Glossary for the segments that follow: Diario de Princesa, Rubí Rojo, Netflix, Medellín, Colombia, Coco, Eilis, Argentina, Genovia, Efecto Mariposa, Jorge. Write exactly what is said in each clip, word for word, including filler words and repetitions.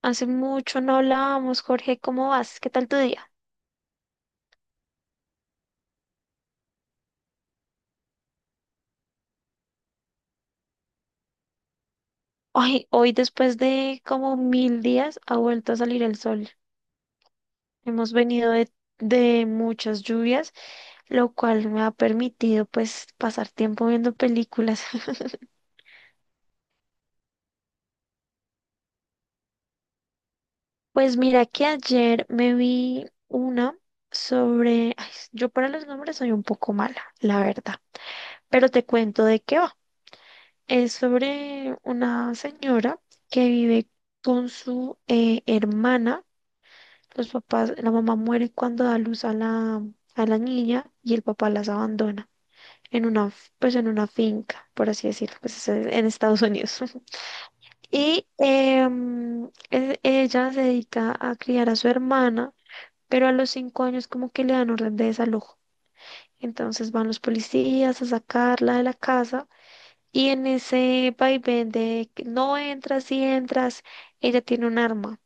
Hace mucho no hablábamos, Jorge, ¿cómo vas? ¿Qué tal tu día? Hoy, hoy después de como mil días ha vuelto a salir el sol. Hemos venido de, de muchas lluvias, lo cual me ha permitido pues pasar tiempo viendo películas. Pues mira que ayer me vi una sobre... ay, yo para los nombres soy un poco mala, la verdad, pero te cuento de qué va. Es sobre una señora que vive con su eh, hermana. Los papás, la mamá muere cuando da luz a la, a la niña y el papá las abandona en una, f- pues en una finca, por así decirlo, pues es en en Estados Unidos. Y em, e- ella se dedica a criar a su hermana, pero a los cinco años como que le dan orden de desalojo. Entonces van los policías a sacarla de la casa y en ese vaivén de que no entras y entras, ella tiene un arma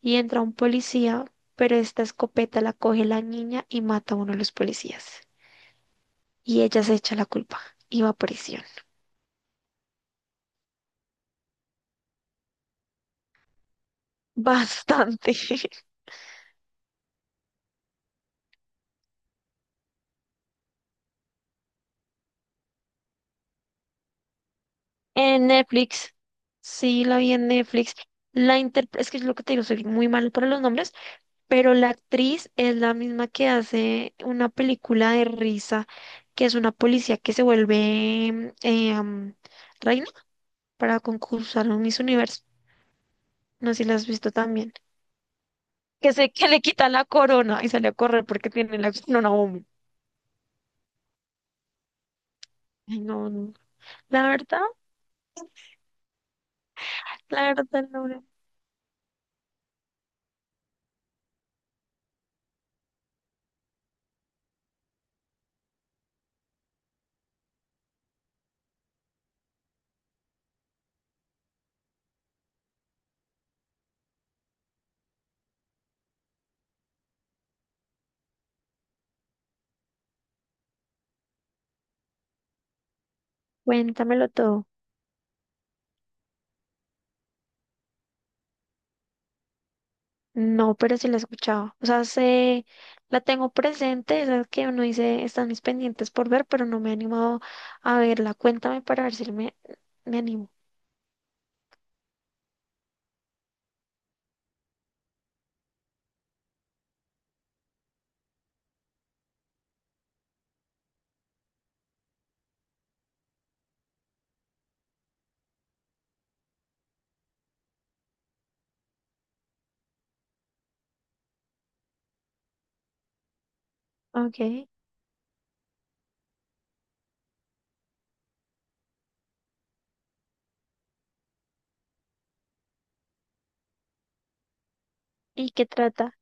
y entra un policía, pero esta escopeta la coge la niña y mata a uno de los policías. Y ella se echa la culpa y va a prisión. Bastante. En Netflix. Sí, la vi en Netflix. La inter- es que es lo que te digo, soy muy malo para los nombres, pero la actriz es la misma que hace una película de risa, que es una policía que se vuelve eh, am, reina para concursar en Miss Universo. No sé si la has visto también. que se que le quitan la corona y sale a correr porque tiene la corona bomba. Ay, no, no. La verdad, la verdad, no. No. Cuéntamelo todo. No, pero sí la he escuchado. O sea, sé, la tengo presente, esas que uno dice, están mis pendientes por ver, pero no me he animado a verla. Cuéntame para ver si me, me animo. Ok. ¿Y qué trata?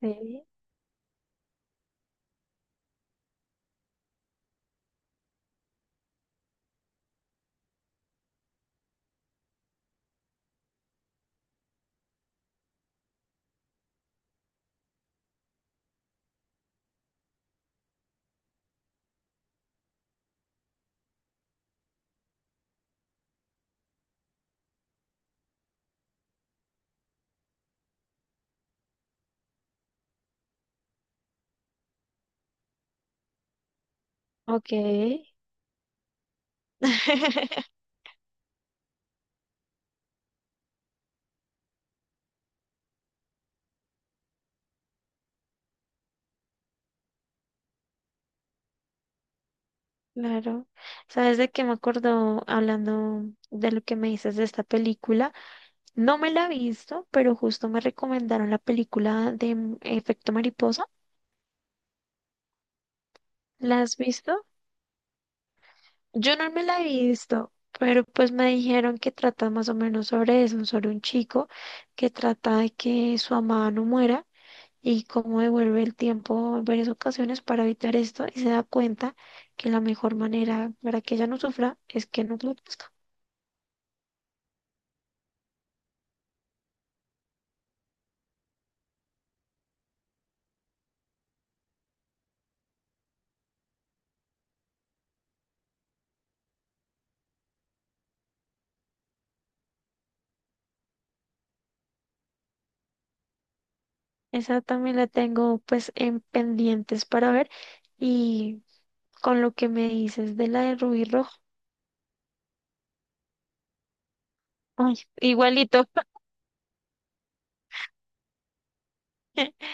Sí. Ok. Claro, sabes de qué me acordó hablando de lo que me dices de esta película. No me la he visto, pero justo me recomendaron la película de mm, Efecto Mariposa. ¿La has visto? Yo no me la he visto, pero pues me dijeron que trata más o menos sobre eso, sobre un chico que trata de que su amada no muera y cómo devuelve el tiempo en varias ocasiones para evitar esto y se da cuenta que la mejor manera para que ella no sufra es que no lo... Esa también la tengo pues en pendientes para ver y con lo que me dices de la de Rubí Rojo, ay, igualito.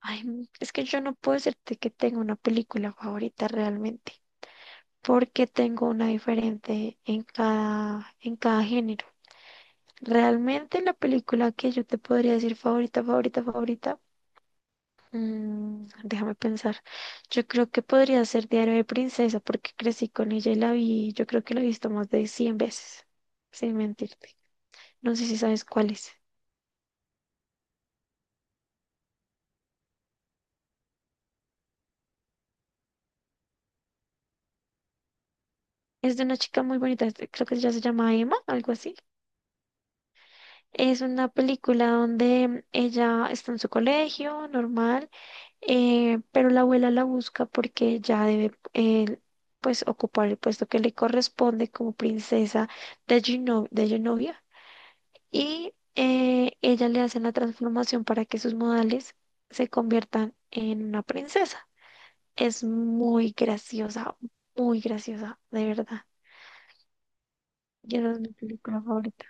Ay, es que yo no puedo decirte que tengo una película favorita realmente, porque tengo una diferente en cada, en cada género. Realmente la película que yo te podría decir favorita, favorita, favorita. Mm, déjame pensar. Yo creo que podría ser Diario de Princesa porque crecí con ella y la vi, yo creo que la he visto más de cien veces, sin mentirte. No sé si sabes cuál es. Es de una chica muy bonita, este, creo que ella se llama Emma, algo así. Es una película donde ella está en su colegio, normal, eh, pero la abuela la busca porque ella debe, eh, pues, ocupar el puesto que le corresponde como princesa de Geno- de Genovia y eh, ella le hace la transformación para que sus modales se conviertan en una princesa. Es muy graciosa, muy graciosa, de verdad. Yo no es mi película favorita.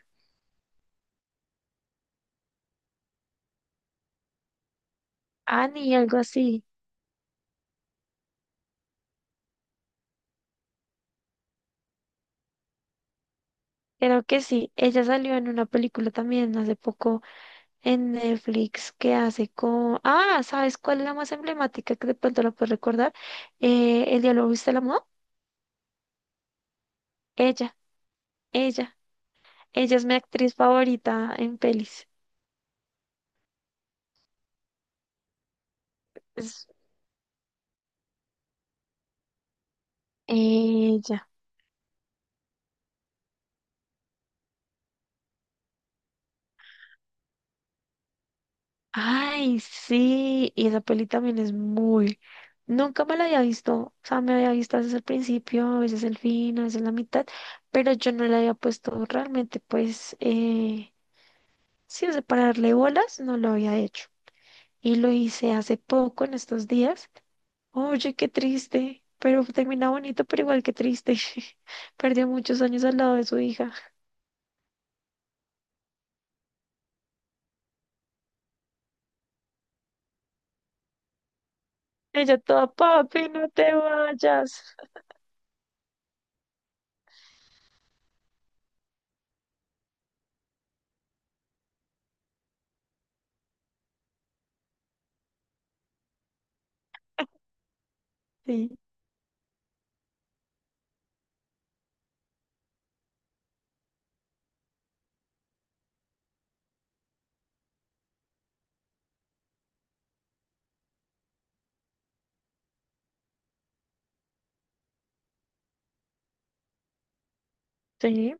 Annie, algo así. Creo que sí. Ella salió en una película también hace poco en Netflix que hace con... Ah, ¿sabes cuál es la más emblemática que de pronto la puedes recordar? Eh, El diálogo viste la moda. Ella, ella. Ella es mi actriz favorita en pelis. Es ella. Ay, sí, y esa peli también es muy... Nunca me la había visto, o sea, me había visto a veces el principio, a veces el fin, a veces la mitad, pero yo no le había puesto realmente, pues, eh, sí, o sea, para darle bolas, no lo había hecho. Y lo hice hace poco, en estos días. Oye, qué triste, pero termina bonito, pero igual qué triste. Perdió muchos años al lado de su hija. Ella toda, papi, no te vayas. Sí, sí.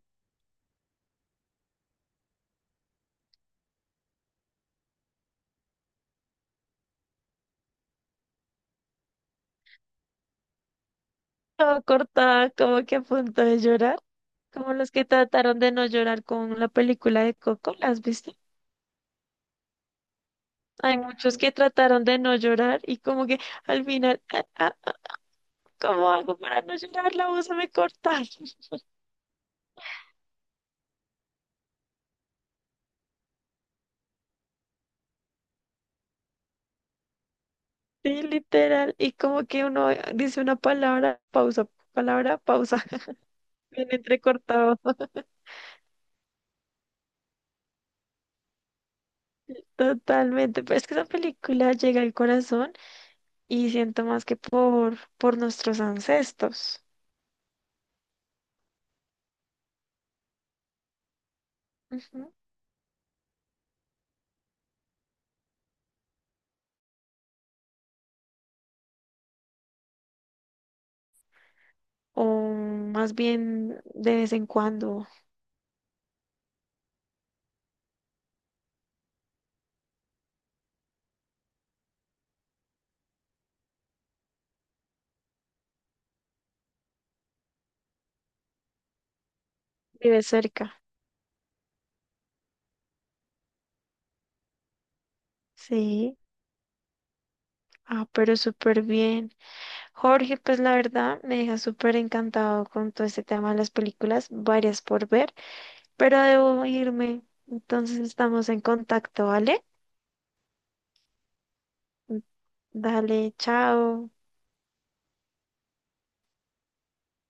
Estaba cortada, como que a punto de llorar, como los que trataron de no llorar con la película de Coco, ¿la has visto? Hay muchos que trataron de no llorar y como que al final, ah, ah, ¿cómo hago para no llorar? La voz se me corta. Sí, literal. Y como que uno dice una palabra, pausa, palabra, pausa, bien entrecortado. Totalmente. Pero es que esa película llega al corazón y siento más que por, por nuestros ancestros. O más bien de vez en cuando vive cerca. Sí, ah, pero súper bien. Jorge, pues la verdad me deja súper encantado con todo este tema de las películas, varias por ver, pero debo irme. Entonces estamos en contacto, ¿vale? Dale, chao.